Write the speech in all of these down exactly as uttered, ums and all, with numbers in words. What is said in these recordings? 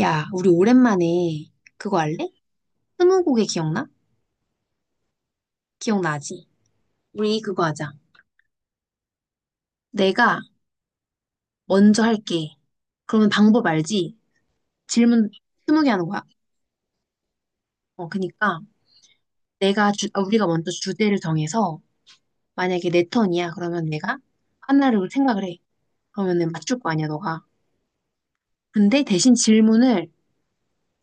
야, 우리 오랜만에 그거 할래? 스무고개 기억나? 기억나지? 우리 그거 하자. 내가 먼저 할게. 그러면 방법 알지? 질문 스무 개 하는 거야. 어, 그니까 내가 주, 아, 우리가 먼저 주제를 정해서 만약에 내 턴이야. 그러면 내가 하나를 생각을 해. 그러면은 맞출 거 아니야, 너가. 근데 대신 질문을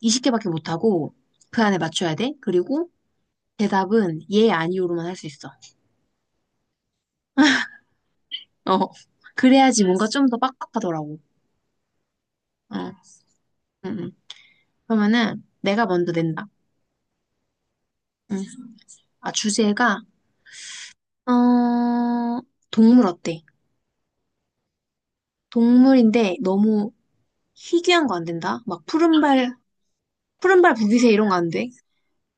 스무 개밖에 못 하고 그 안에 맞춰야 돼. 그리고 대답은 예, 아니오로만 할 수 있어. 어. 그래야지 뭔가 좀 더 빡빡하더라고. 어. 응, 응. 그러면은 내가 먼저 낸다. 응. 아, 주제가 어, 동물 어때? 동물인데 너무 희귀한 거 안 된다. 막 푸른발 푸른발 부비새 이런 거 안 돼.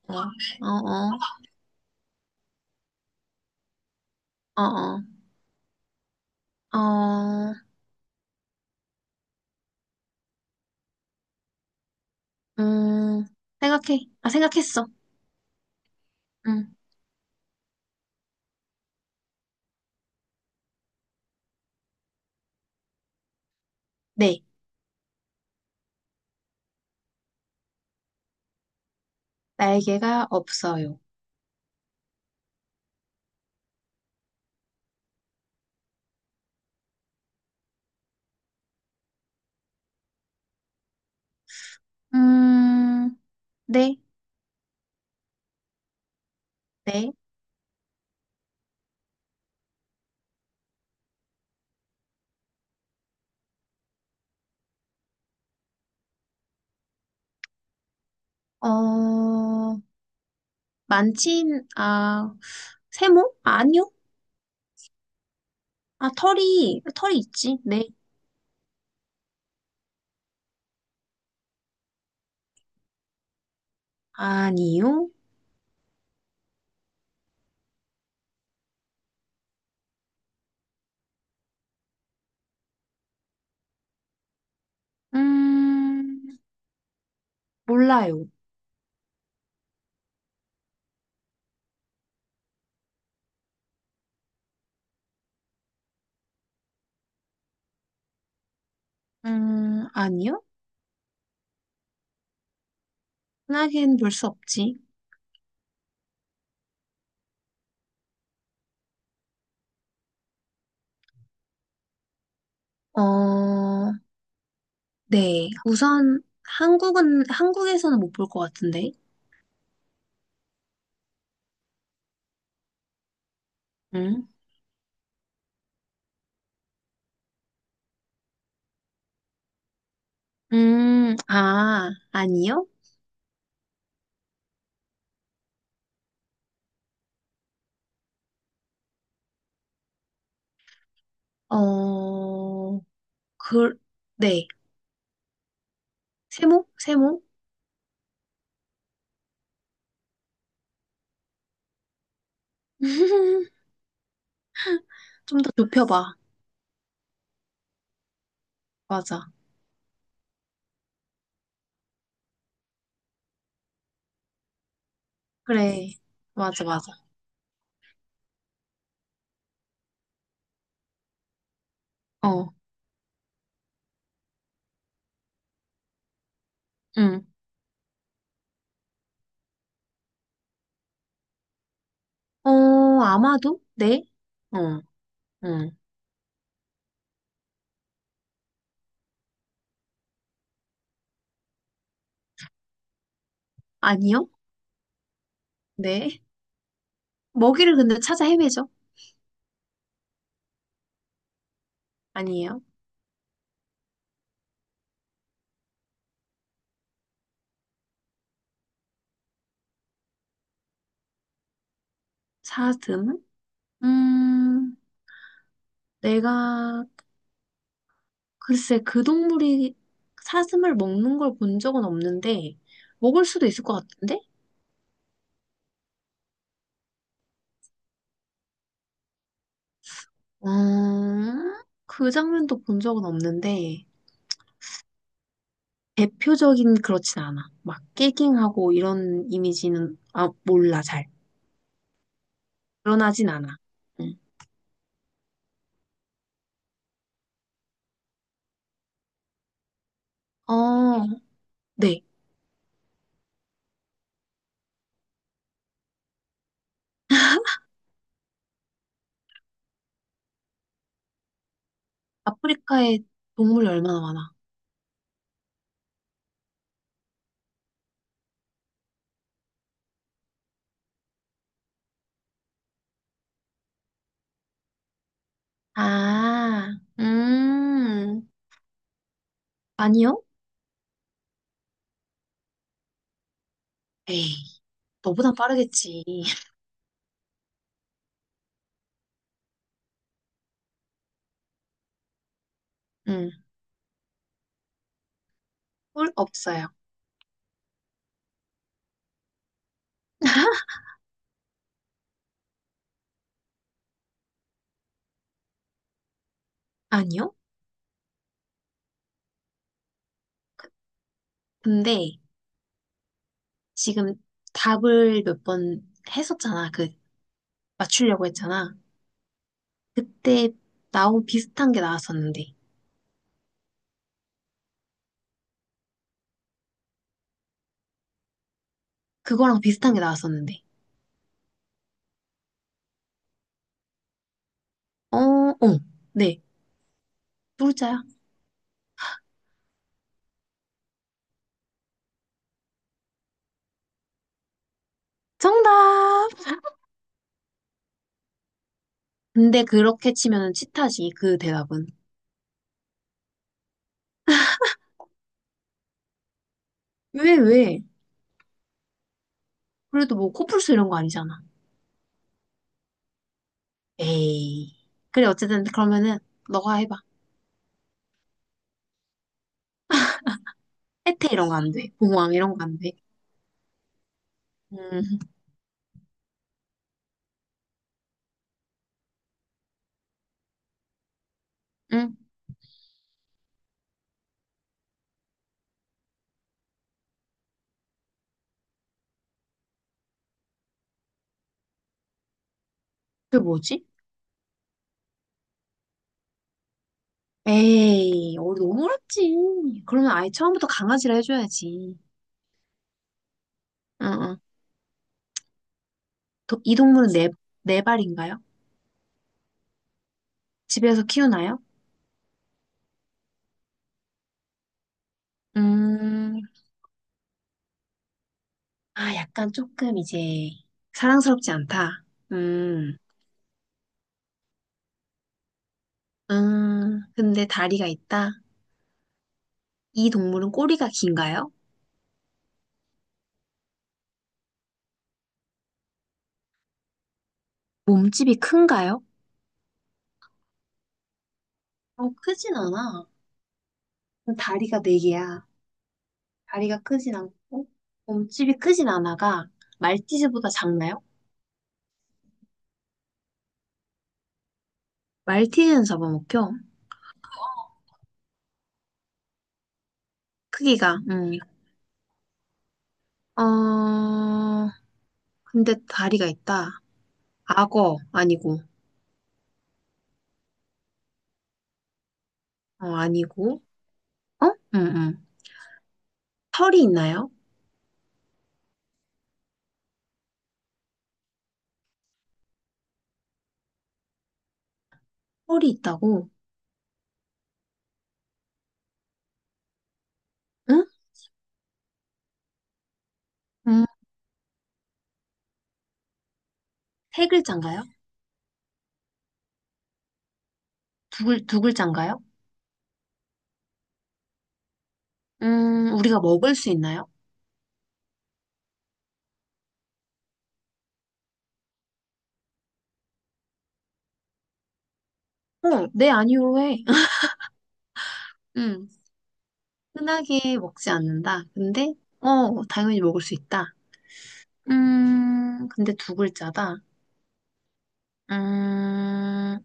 어, 어, 어, 어, 어, 어, 음, 생각해. 아, 생각했어. 응. 네, 날개가 없어요. 음, 네, 네. 어, 많진 아, 세모? 아, 아니요. 아, 털이 털이 있지. 네. 아니요. 음, 몰라요. 음, 아니요? 흔하게는 볼 수 없지. 어, 네. 우선, 한국은, 한국에서는 못 볼 것 같은데. 음, 음, 아, 아니요? 어, 그, 네. 세모? 세모? 좀 더 좁혀봐. 맞아. 그래. 맞아, 맞아. 어, 응. 어, 아마도? 네? 어, 응. 아니요? 네. 먹이를 근데 찾아 헤매죠? 아니에요? 사슴? 음, 내가 글쎄 그 동물이 사슴을 먹는 걸 본 적은 없는데 먹을 수도 있을 것 같은데? 음, 그 장면도 본 적은 없는데 대표적인 그렇진 않아. 막 깨갱하고 이런 이미지는 아 몰라 잘. 드러나진 않아. 응. 어, 네. 아프리카에 동물이 얼마나 많아? 아, 음, 아니요? 에이, 너보단 빠르겠지. 음. 꿀 없어요. 아니요? 근데 지금 답을 몇 번 했었잖아. 그 맞추려고 했잖아. 그때 나온 비슷한 게 나왔었는데. 그거랑 비슷한 게 나왔었는데. 어, 어. 네. 뿔자야. 정답! 근데 그렇게 치면은 치타지, 그 대답은. 왜, 왜? 그래도 뭐 코뿔소 이런 거 아니잖아. 에이. 그래, 어쨌든 그러면은 너가 해봐. 해태 이런 거 안 돼. 봉황 이런 거 안 돼. 음, 음. 그게 뭐지? 에이, 어, 너무 어렵지. 그러면 아예 처음부터 강아지를 해줘야지. 응, 응. 도- 이 동물은 네, 네 발인가요? 집에서 키우나요? 음, 아, 약간 조금 이제 사랑스럽지 않다. 음, 음, 근데 다리가 있다. 이 동물은 꼬리가 긴가요? 몸집이 큰가요? 어, 크진 않아. 그럼 다리가 네 개야. 다리가 크진 않고, 몸집이 크진 않아가 말티즈보다 작나요? 말티즈는 잡아먹혀. 크기가, 음. 어, 근데 다리가 있다. 악어, 아니고. 어, 아니고. 어? 응, 응. 털이 있나요? 털이 있다고? 응? 음, 세 글자인가요? 두 글, 두 글자인가요? 음, 우리가 먹을 수 있나요? 어, 네, 아니요로 해. 음, 흔하게 먹지 않는다. 근데, 어, 당연히 먹을 수 있다. 음, 근데 두 글자다. 음,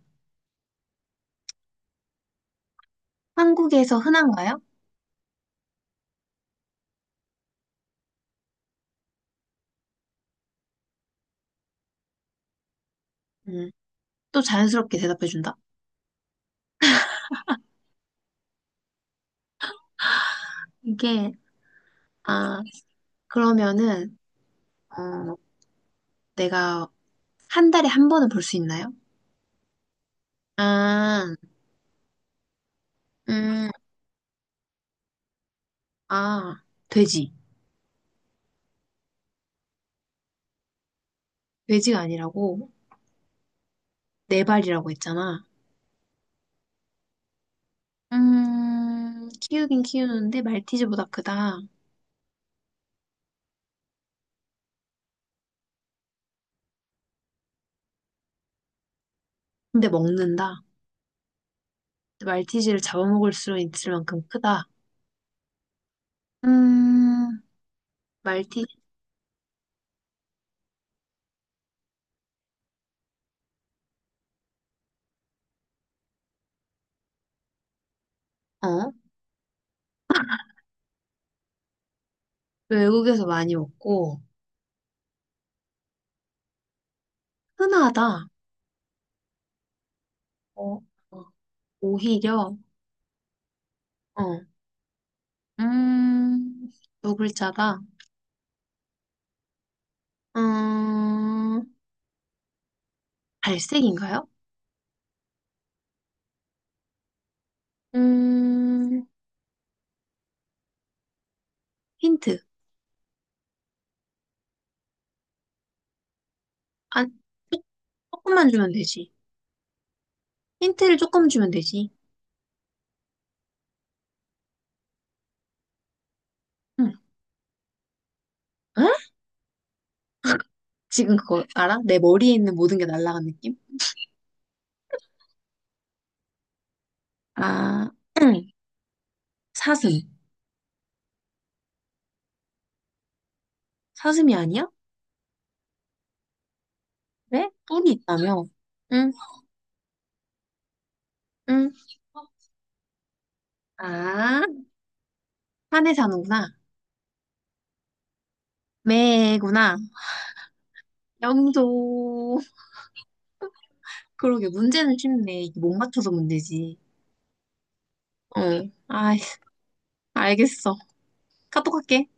한국에서 흔한가요? 음, 또 자연스럽게 대답해준다. 이게, 아, 그러면은, 어, 내가 한 달에 한 번은 볼 수 있나요? 아, 음, 아, 돼지. 돼지가 아니라고 네 발이라고 했잖아. 음, 키우긴 키우는데 말티즈보다 크다. 근데 먹는다. 말티즈를 잡아먹을 수 있을 만큼 크다. 음, 말티, 어? 외국에서 많이 먹고 흔하다. 어, 어, 오히려, 어, 음, 두 글자다. 음, 갈색인가요? 음, 힌트. 안, 조- 조금만 주면 되지. 힌트를 조금 주면 되지. 응. 응? 지금 그거 알아? 내 머리에 있는 모든 게 날아간 느낌? 아, 응. 사슴. 사슴이 아니야? 왜? 뿔이 있다며. 응, 응. 아, 산에 사는구나. 매구나. 영도. 그러게, 문제는 쉽네. 이게 못 맞춰서 문제지. 응. 아, 알겠어. 카톡 할게.